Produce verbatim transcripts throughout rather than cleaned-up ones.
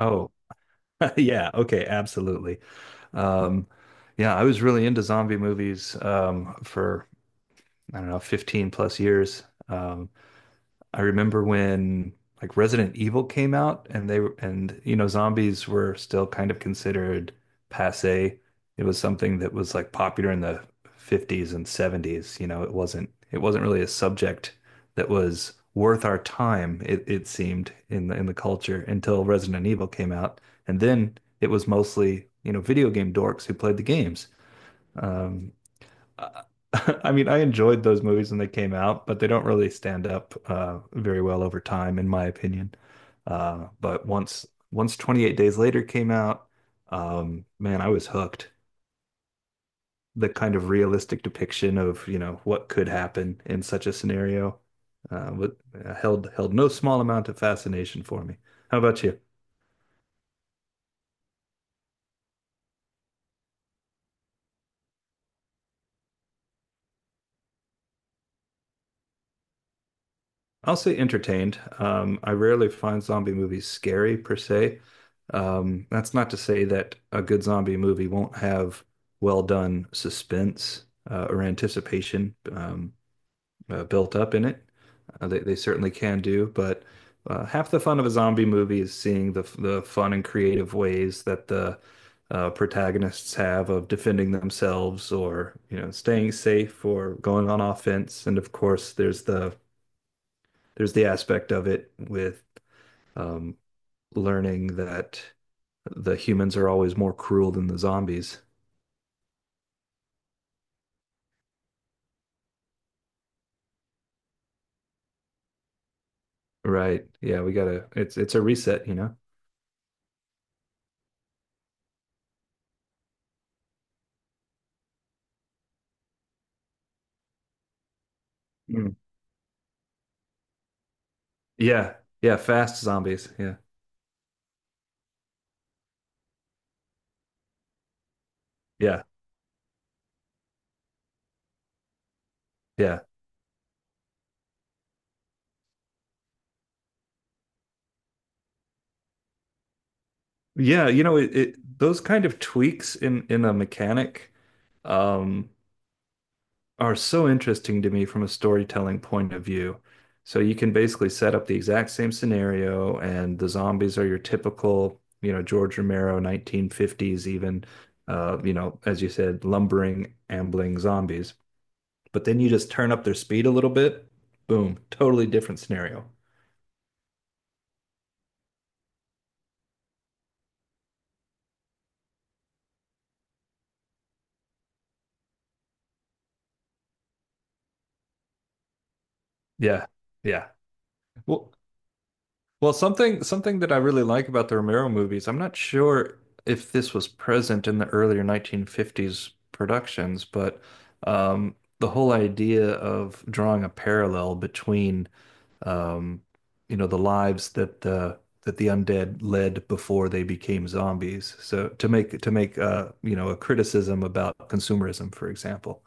Oh, yeah. Okay. Absolutely. Um, yeah, I was really into zombie movies um, for, I don't know, fifteen plus years. Um, I remember when like Resident Evil came out and they were- and you know zombies were still kind of considered passé. It was something that was like popular in the fifties and seventies, you know, it wasn't it wasn't really a subject that was worth our time, it, it seemed in the in the culture until Resident Evil came out. And then it was mostly, you know, video game dorks who played the games. Um, uh, I mean, I enjoyed those movies when they came out, but they don't really stand up uh, very well over time, in my opinion. Uh, but once once twenty-eight Days Later came out, um, man, I was hooked. The kind of realistic depiction of, you know, what could happen in such a scenario uh, wa- held held no small amount of fascination for me. How about you? I'll say entertained. Um, I rarely find zombie movies scary per se. Um, that's not to say that a good zombie movie won't have well done suspense uh, or anticipation um, uh, built up in it. Uh, they, they certainly can do, but uh, half the fun of a zombie movie is seeing the the fun and creative ways that the uh, protagonists have of defending themselves or you know staying safe or going on offense. And of course, there's the there's the aspect of it with um, learning that the humans are always more cruel than the zombies. Right. Yeah, we gotta, it's it's a reset, you know? Mm. Yeah. Yeah, fast zombies. Yeah. Yeah. Yeah. Yeah, you know, it, it those kind of tweaks in in a mechanic um are so interesting to me from a storytelling point of view. So you can basically set up the exact same scenario, and the zombies are your typical, you know, George Romero nineteen fifties, even, uh, you know, as you said, lumbering, ambling zombies. But then you just turn up their speed a little bit, boom, totally different scenario. Yeah, yeah. Well, Well, something something that I really like about the Romero movies, I'm not sure if this was present in the earlier nineteen fifties productions, but um, the whole idea of drawing a parallel between um, you know, the lives that the that the undead led before they became zombies. So to make to make uh, you know, a criticism about consumerism, for example.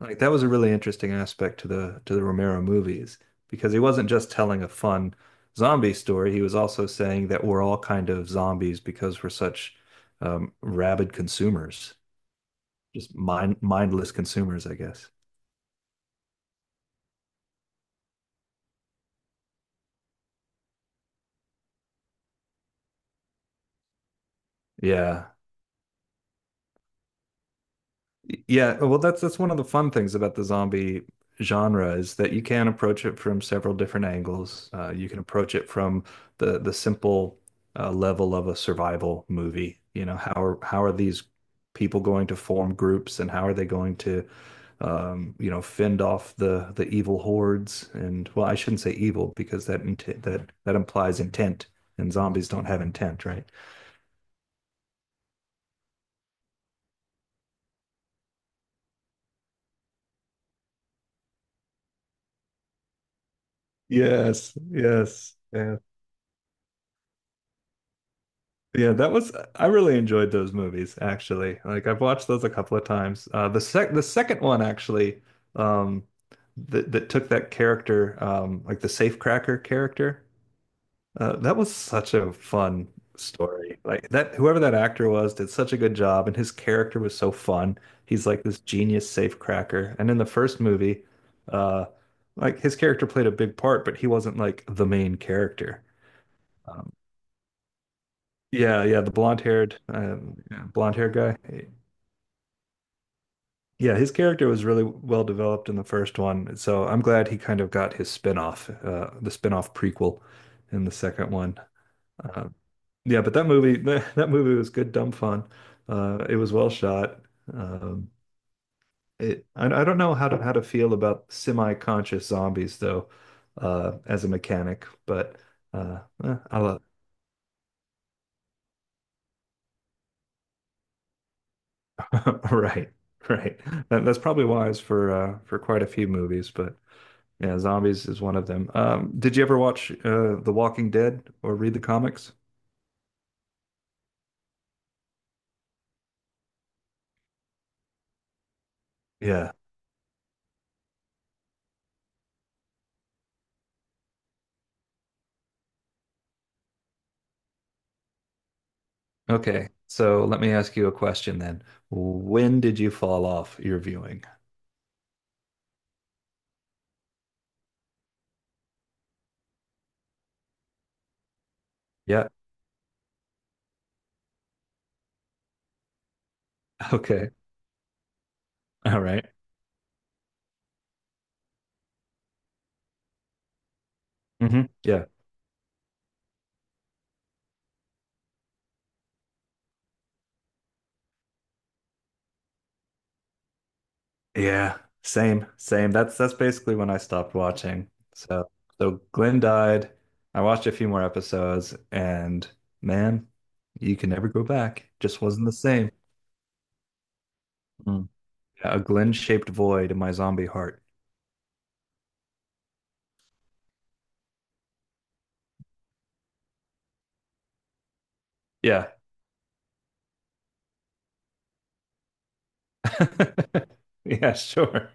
Like that was a really interesting aspect to the to the Romero movies because he wasn't just telling a fun zombie story. He was also saying that we're all kind of zombies because we're such um, rabid consumers, just mind mindless consumers, I guess. Yeah. Yeah, well, that's that's one of the fun things about the zombie genre is that you can approach it from several different angles. Uh, you can approach it from the the simple uh, level of a survival movie. You know, how are how are these people going to form groups, and how are they going to, um, you know, fend off the the evil hordes? And well, I shouldn't say evil because that int that that implies intent, and zombies don't have intent, right? Yes, yes. Yeah. Yeah, that was, I really enjoyed those movies actually. Like I've watched those a couple of times. Uh, the sec the second one actually, um that that took that character, um like the safecracker character. Uh, that was such a fun story. Like that whoever that actor was did such a good job and his character was so fun. He's like this genius safecracker. And in the first movie, uh like his character played a big part, but he wasn't like the main character. Um, yeah, yeah, the blonde-haired, um, yeah, blonde-haired guy. Yeah, his character was really well developed in the first one, so I'm glad he kind of got his spin-off, uh, the spin-off prequel in the second one. Uh, yeah, but that movie, that movie was good, dumb fun. Uh, it was well shot. Um, it, I, I don't know how to how to feel about semi-conscious zombies though, uh, as a mechanic, but uh, eh, I love. Right, right. That, that's probably wise for uh, for quite a few movies, but. Yeah, zombies is one of them. Um, did you ever watch uh, The Walking Dead or read the comics? Yeah. Okay. So let me ask you a question then. When did you fall off your viewing? Yeah. Okay. All right. Mm-hmm. Yeah. Yeah. Same. Same. That's that's basically when I stopped watching. So so Glenn died. I watched a few more episodes, and man, you can never go back. Just wasn't the same. Mm. Yeah, a Glenn-shaped void in my zombie heart. Yeah. Yeah, sure.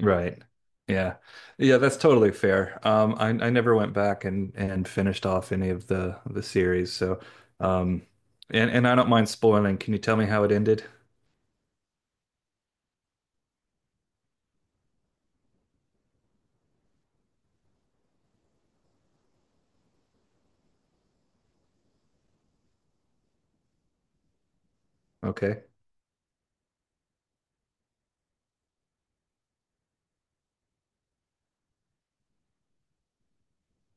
Right. Yeah. Yeah, that's totally fair. Um, I I never went back and and finished off any of the the series. So, um, and and I don't mind spoiling. Can you tell me how it ended? Okay.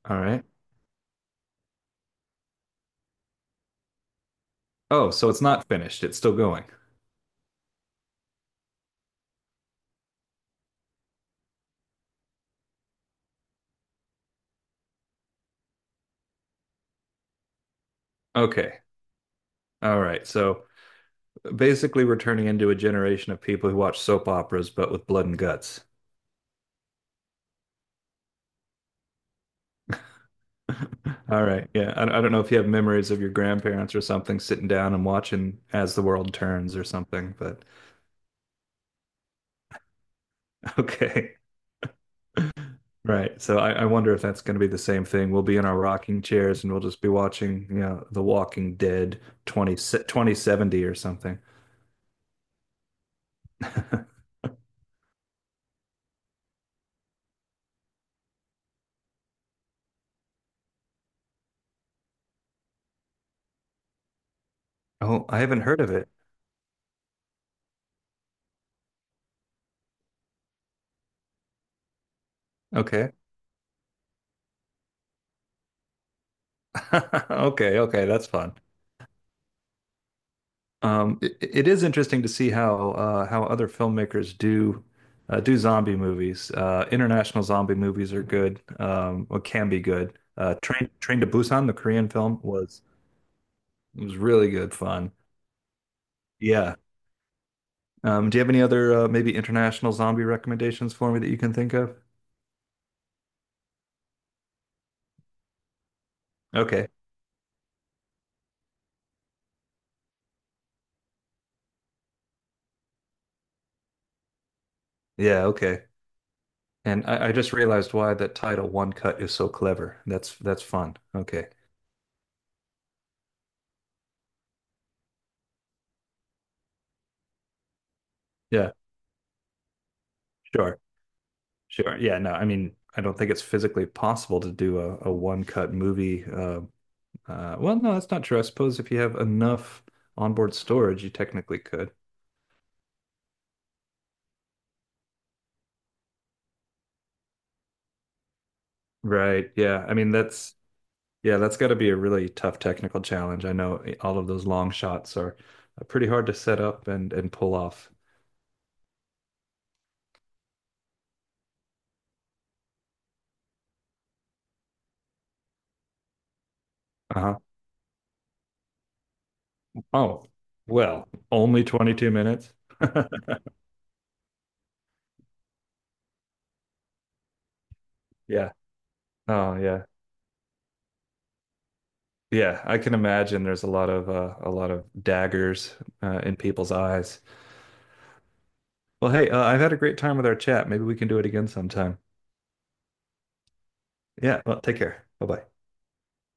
All right. Oh, so it's not finished. It's still going. Okay. All right. So basically, we're turning into a generation of people who watch soap operas, but with blood and guts. All right. Yeah. I, I don't know if you have memories of your grandparents or something sitting down and watching As the World Turns or something, but okay. Right. So I, I wonder if that's going to be the same thing. We'll be in our rocking chairs and we'll just be watching, you know, The Walking Dead twenty, se- twenty seventy or something. Oh, I haven't heard of it. Okay. Okay. Okay. That's fun. Um, it, it is interesting to see how uh, how other filmmakers do uh, do zombie movies. Uh, international zombie movies are good, um, or can be good. Uh, Train Train to Busan, the Korean film, was was really good fun. Yeah. Um, do you have any other uh, maybe international zombie recommendations for me that you can think of? Okay. Yeah. Okay. And I, I just realized why that title "One Cut" is so clever. That's that's fun. Okay. Yeah. Sure. Sure. Yeah. No, I mean, I don't think it's physically possible to do a, a one-cut movie. Uh, uh, well, no, that's not true. I suppose if you have enough onboard storage, you technically could. Right. Yeah. I mean, that's, yeah, that's got to be a really tough technical challenge. I know eh, all of those long shots are pretty hard to set up and, and pull off. Uh-huh. Oh, well, only twenty-two minutes. Yeah. Oh, yeah. Yeah. I can imagine there's a lot of, uh, a lot of daggers, uh, in people's eyes. Well, hey, uh, I've had a great time with our chat. Maybe we can do it again sometime. Yeah, well, take care. Bye bye.